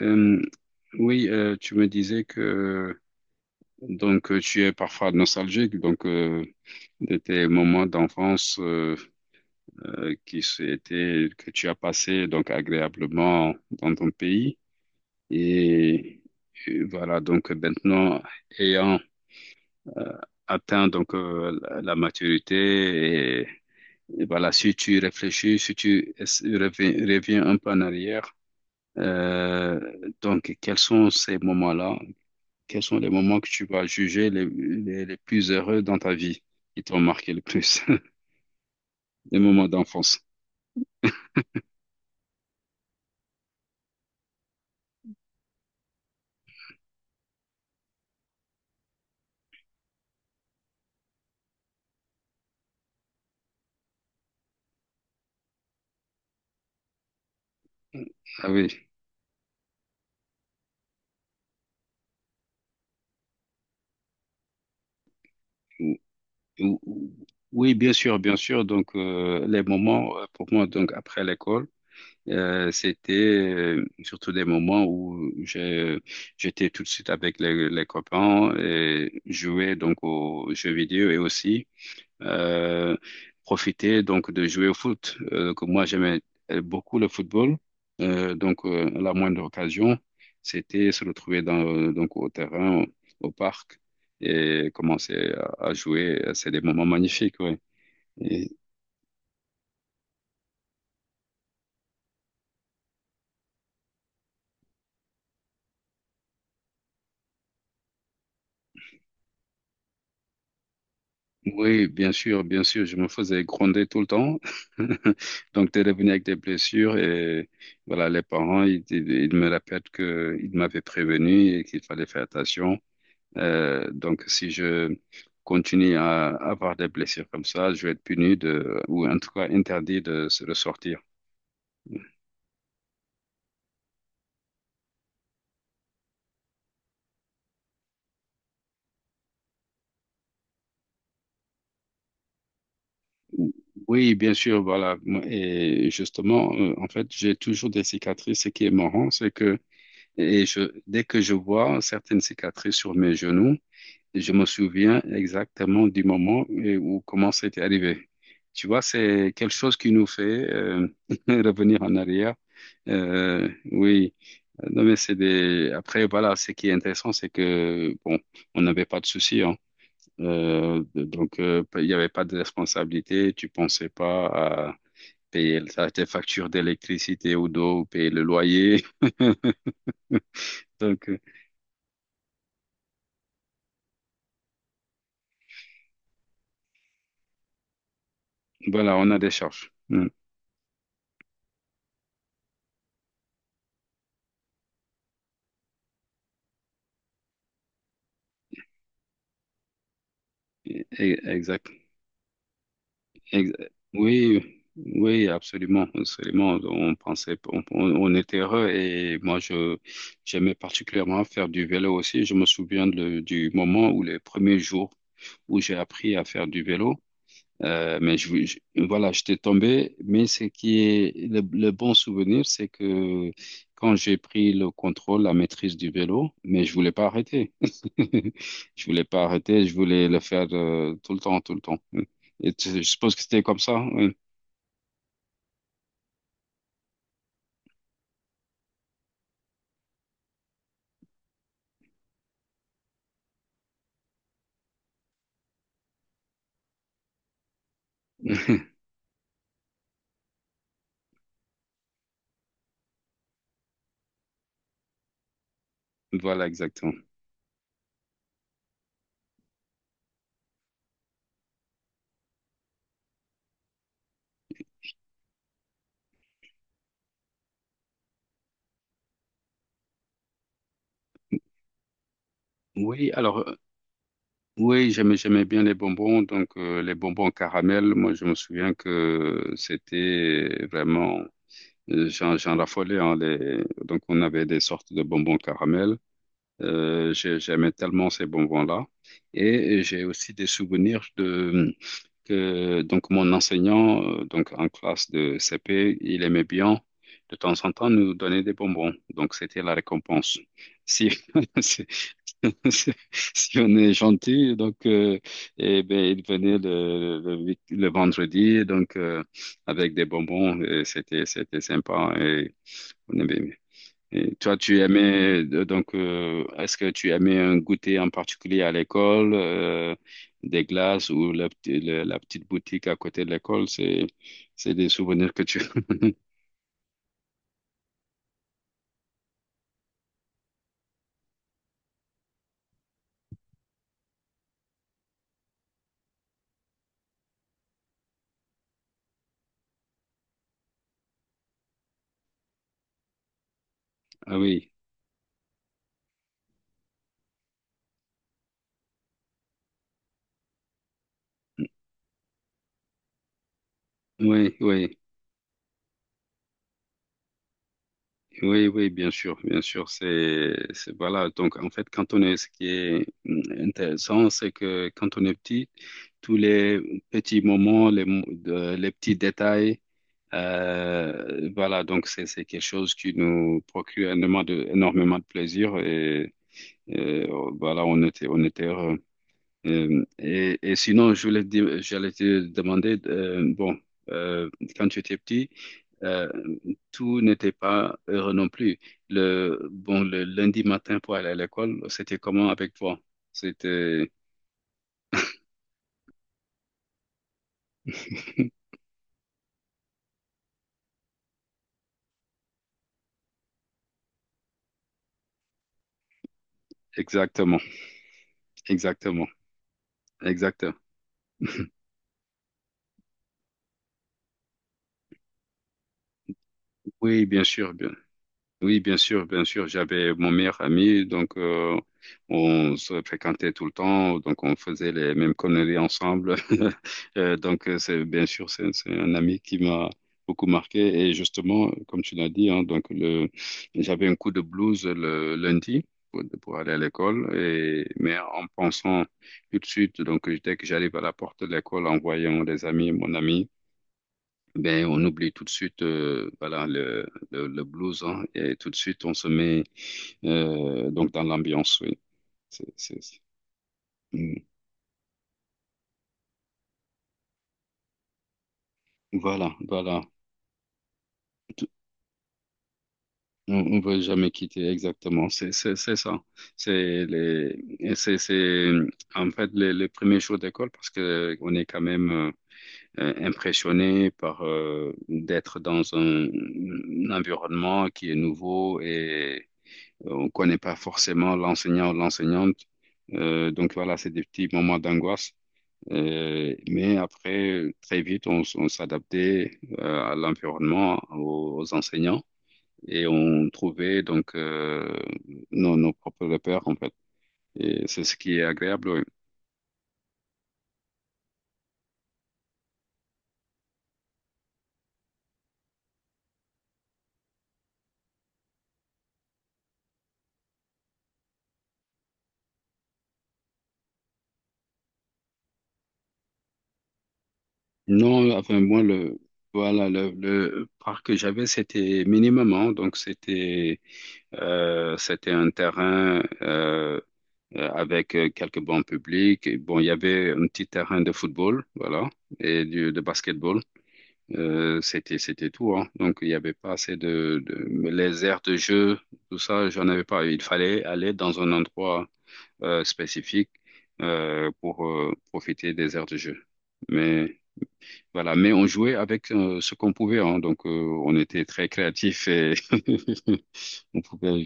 Euh, oui, tu me disais que tu es parfois nostalgique de tes moments d'enfance qui étaient que tu as passé donc agréablement dans ton pays et, et voilà donc maintenant ayant euh, atteint donc la maturité et voilà. Si tu réfléchis, si reviens un peu en arrière, euh, donc quels sont ces moments-là? Quels sont les moments que tu vas juger les plus heureux dans ta vie, qui t'ont marqué le plus? Les moments d'enfance. Ah oui. Ou- ou- ou- Oui, bien sûr, bien sûr. Donc, les moments, pour moi, donc, après l'école, c'était surtout des moments où j'étais tout de suite avec les copains et jouais donc aux jeux vidéo et aussi euh, profiter donc de jouer au foot. Que moi, j'aimais beaucoup le football. La moindre occasion, c'était se retrouver dans, au terrain, au parc et commencer à jouer. C'est des moments magnifiques, ouais. Et oui, bien sûr, je me faisais gronder tout le temps. Donc, t'es revenu avec des blessures et voilà, les parents, ils me répètent qu'ils m'avaient prévenu et qu'il fallait faire attention. Donc, si je continue à avoir des blessures comme ça, je vais être puni de, ou en tout cas interdit de se ressortir. Oui, bien sûr, voilà. Et justement, en fait, j'ai toujours des cicatrices. Ce qui est marrant, c'est que je, dès que je vois certaines cicatrices sur mes genoux, je me souviens exactement du moment et où comment c'était arrivé. Tu vois, c'est quelque chose qui nous fait euh, revenir en arrière. Oui. Non, mais c'est des. Après, voilà, ce qui est intéressant, c'est que, bon, on n'avait pas de soucis, hein. Il n'y avait pas de responsabilité. Tu pensais pas à tes factures d'électricité ou d'eau, ou payer le loyer. Donc, voilà, on a des charges. Mm. Et- Exact. Ex- Oui, oui, absolument, absolument. On pensait, on- On était heureux et moi, je, j'aimais particulièrement faire du vélo aussi. Je me souviens de- du moment où les premiers jours où j'ai appris à faire du vélo. Euh, mais je, je- voilà, j'étais tombé. Mais ce qui est le bon souvenir, c'est que quand j'ai pris le contrôle, la maîtrise du vélo, mais je voulais pas arrêter. Je voulais pas arrêter. Je voulais le faire tout le temps, tout le temps. Et je suppose que c'était comme ça. Oui. Voilà, exactement. Oui, alors, oui, j'aimais bien les bonbons. Donc, les bonbons caramel, moi, je me souviens que j'en raffolais, hein, les... Donc, on avait des sortes de bonbons caramel. J'aimais tellement ces bonbons-là. Et j'ai aussi des souvenirs de que donc mon enseignant, donc en classe de CP, il aimait bien de temps en temps nous donner des bonbons. Donc, c'était la récompense. Si, si, si si on est gentil, donc, ben, il venait le vendredi, donc, avec des bonbons, et c'était sympa. Et on bien. Et toi, tu aimais, est-ce que tu aimais un goûter en particulier à l'école, des glaces ou la petite boutique à côté de l'école? C'est des souvenirs que tu... Ah oui, oui, oui, oui, bien sûr, bien sûr. Voilà. Donc, en fait, ce qui est intéressant, c'est que quand on est petit, tous les petits moments, les petits détails, voilà, donc c'est quelque chose qui nous procure énormément de plaisir et, voilà, on était heureux. Et sinon, je voulais te dire- j'allais te demander, bon, euh, quand tu étais petit, euh, tout n'était pas heureux non plus. Le lundi matin pour aller à l'école, c'était comment avec toi? C'était exactement, exactement, exact. Oui, bien sûr, bien. Oui, bien sûr, bien sûr. J'avais mon meilleur ami, donc on se fréquentait tout le temps, donc on faisait les mêmes conneries ensemble. C'est bien sûr, c'est un ami qui m'a beaucoup marqué. Et justement, comme tu l'as dit, hein, j'avais un coup de blues le lundi pour aller à l'école, mais en pensant tout de suite, donc dès que j'arrive à la porte de l'école, en voyant les amis, mon ami. Ben, on oublie tout de suite voilà, le blues hein, et tout de suite on se met donc dans l'ambiance, oui. C'est, c'est, c'est- Mm. Voilà, voilà. Tout- On ne veut jamais quitter exactement. C'est ça. C'est en fait les premiers jours d'école parce que on est quand même impressionné par d'être dans un environnement qui est nouveau et on connaît pas forcément l'enseignant ou l'enseignante. Donc voilà, c'est des petits moments d'angoisse. Mais après, très vite, on s'adaptait à l'environnement, aux enseignants, et on trouvait nos propres repères en fait. Et c'est ce qui est agréable. Oui. Non, enfin moi le Voilà, le parc que j'avais c'était minimum, hein. Donc c'était c'était un terrain avec quelques bancs publics. Et bon, il y avait un petit terrain de football, voilà, et du, de basketball. C'était tout, hein. Donc, il n'y avait pas assez mais les aires de jeu, tout ça, j'en avais pas. Il fallait aller dans un endroit spécifique pour profiter des aires de jeu. Mais voilà, mais on jouait avec ce qu'on pouvait, hein. Donc, on était très créatifs et on pouvait.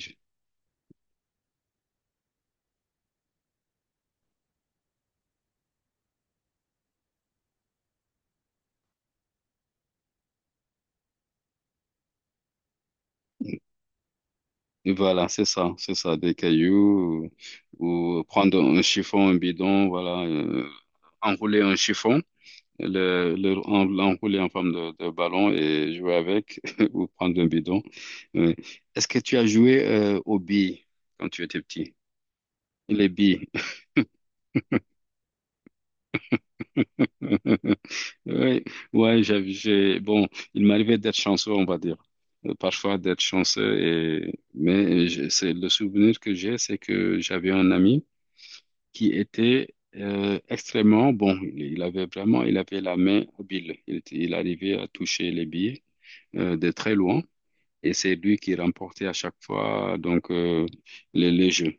Voilà, c'est ça, des cailloux ou prendre un chiffon, un bidon, voilà, enrouler un chiffon, l'enrouler en forme de ballon et jouer avec ou prendre un bidon. Oui. Est-ce que tu as joué aux billes quand tu étais petit? Les billes. Oui, ouais, bon, il m'arrivait d'être chanceux, on va dire. Parfois d'être chanceux mais c'est le souvenir que j'ai, c'est que j'avais un ami qui était extrêmement bon. Il avait vraiment, il avait la main habile. Il arrivait à toucher les billes de très loin. Et c'est lui qui remportait à chaque fois les jeux.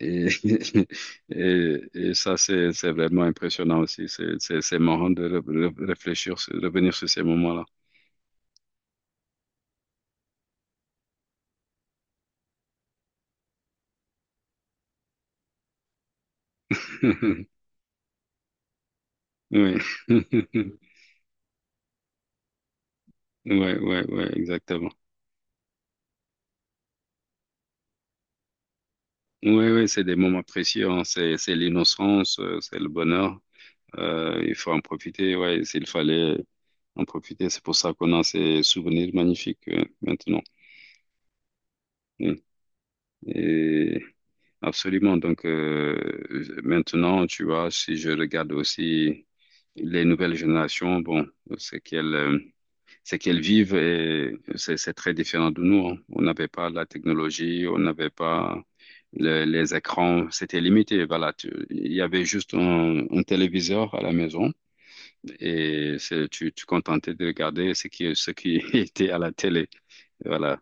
Et, et ça, c'est vraiment impressionnant aussi. C'est marrant réfléchir, revenir sur ces moments-là. Oui, ouais, exactement. Oui, oui, c'est des moments précieux, hein. C'est l'innocence, c'est le bonheur. Il faut en profiter, ouais, s'il fallait en profiter. C'est pour ça qu'on a ces souvenirs magnifiques maintenant. Oui. Et absolument. Donc maintenant, tu vois, si je regarde aussi les nouvelles générations, bon, c'est qu'elles euh, c'est qu'elles vivent et c'est très différent de nous, hein. On n'avait pas la technologie, on n'avait pas les écrans, c'était limité. Voilà, il y avait juste un téléviseur à la maison, et tu contentais de regarder ce qui était à la télé. Voilà.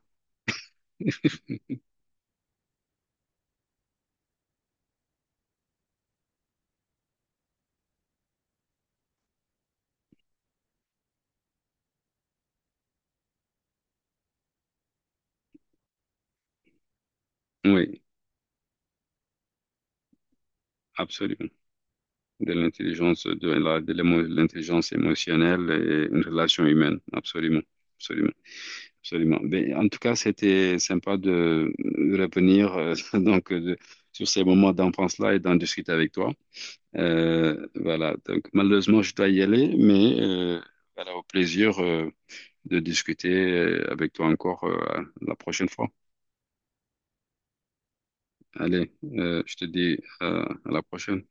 Oui, absolument. De l'intelligence, de l'intelligence émotionnelle et une relation humaine. Absolument. Absolument. Absolument. Ben, en tout cas, c'était sympa de revenir sur ces moments d'enfance-là et d'en discuter avec toi. Voilà. Donc, malheureusement, je dois y aller, mais voilà, au plaisir de discuter avec toi encore la prochaine fois. Allez, je te dis à la prochaine.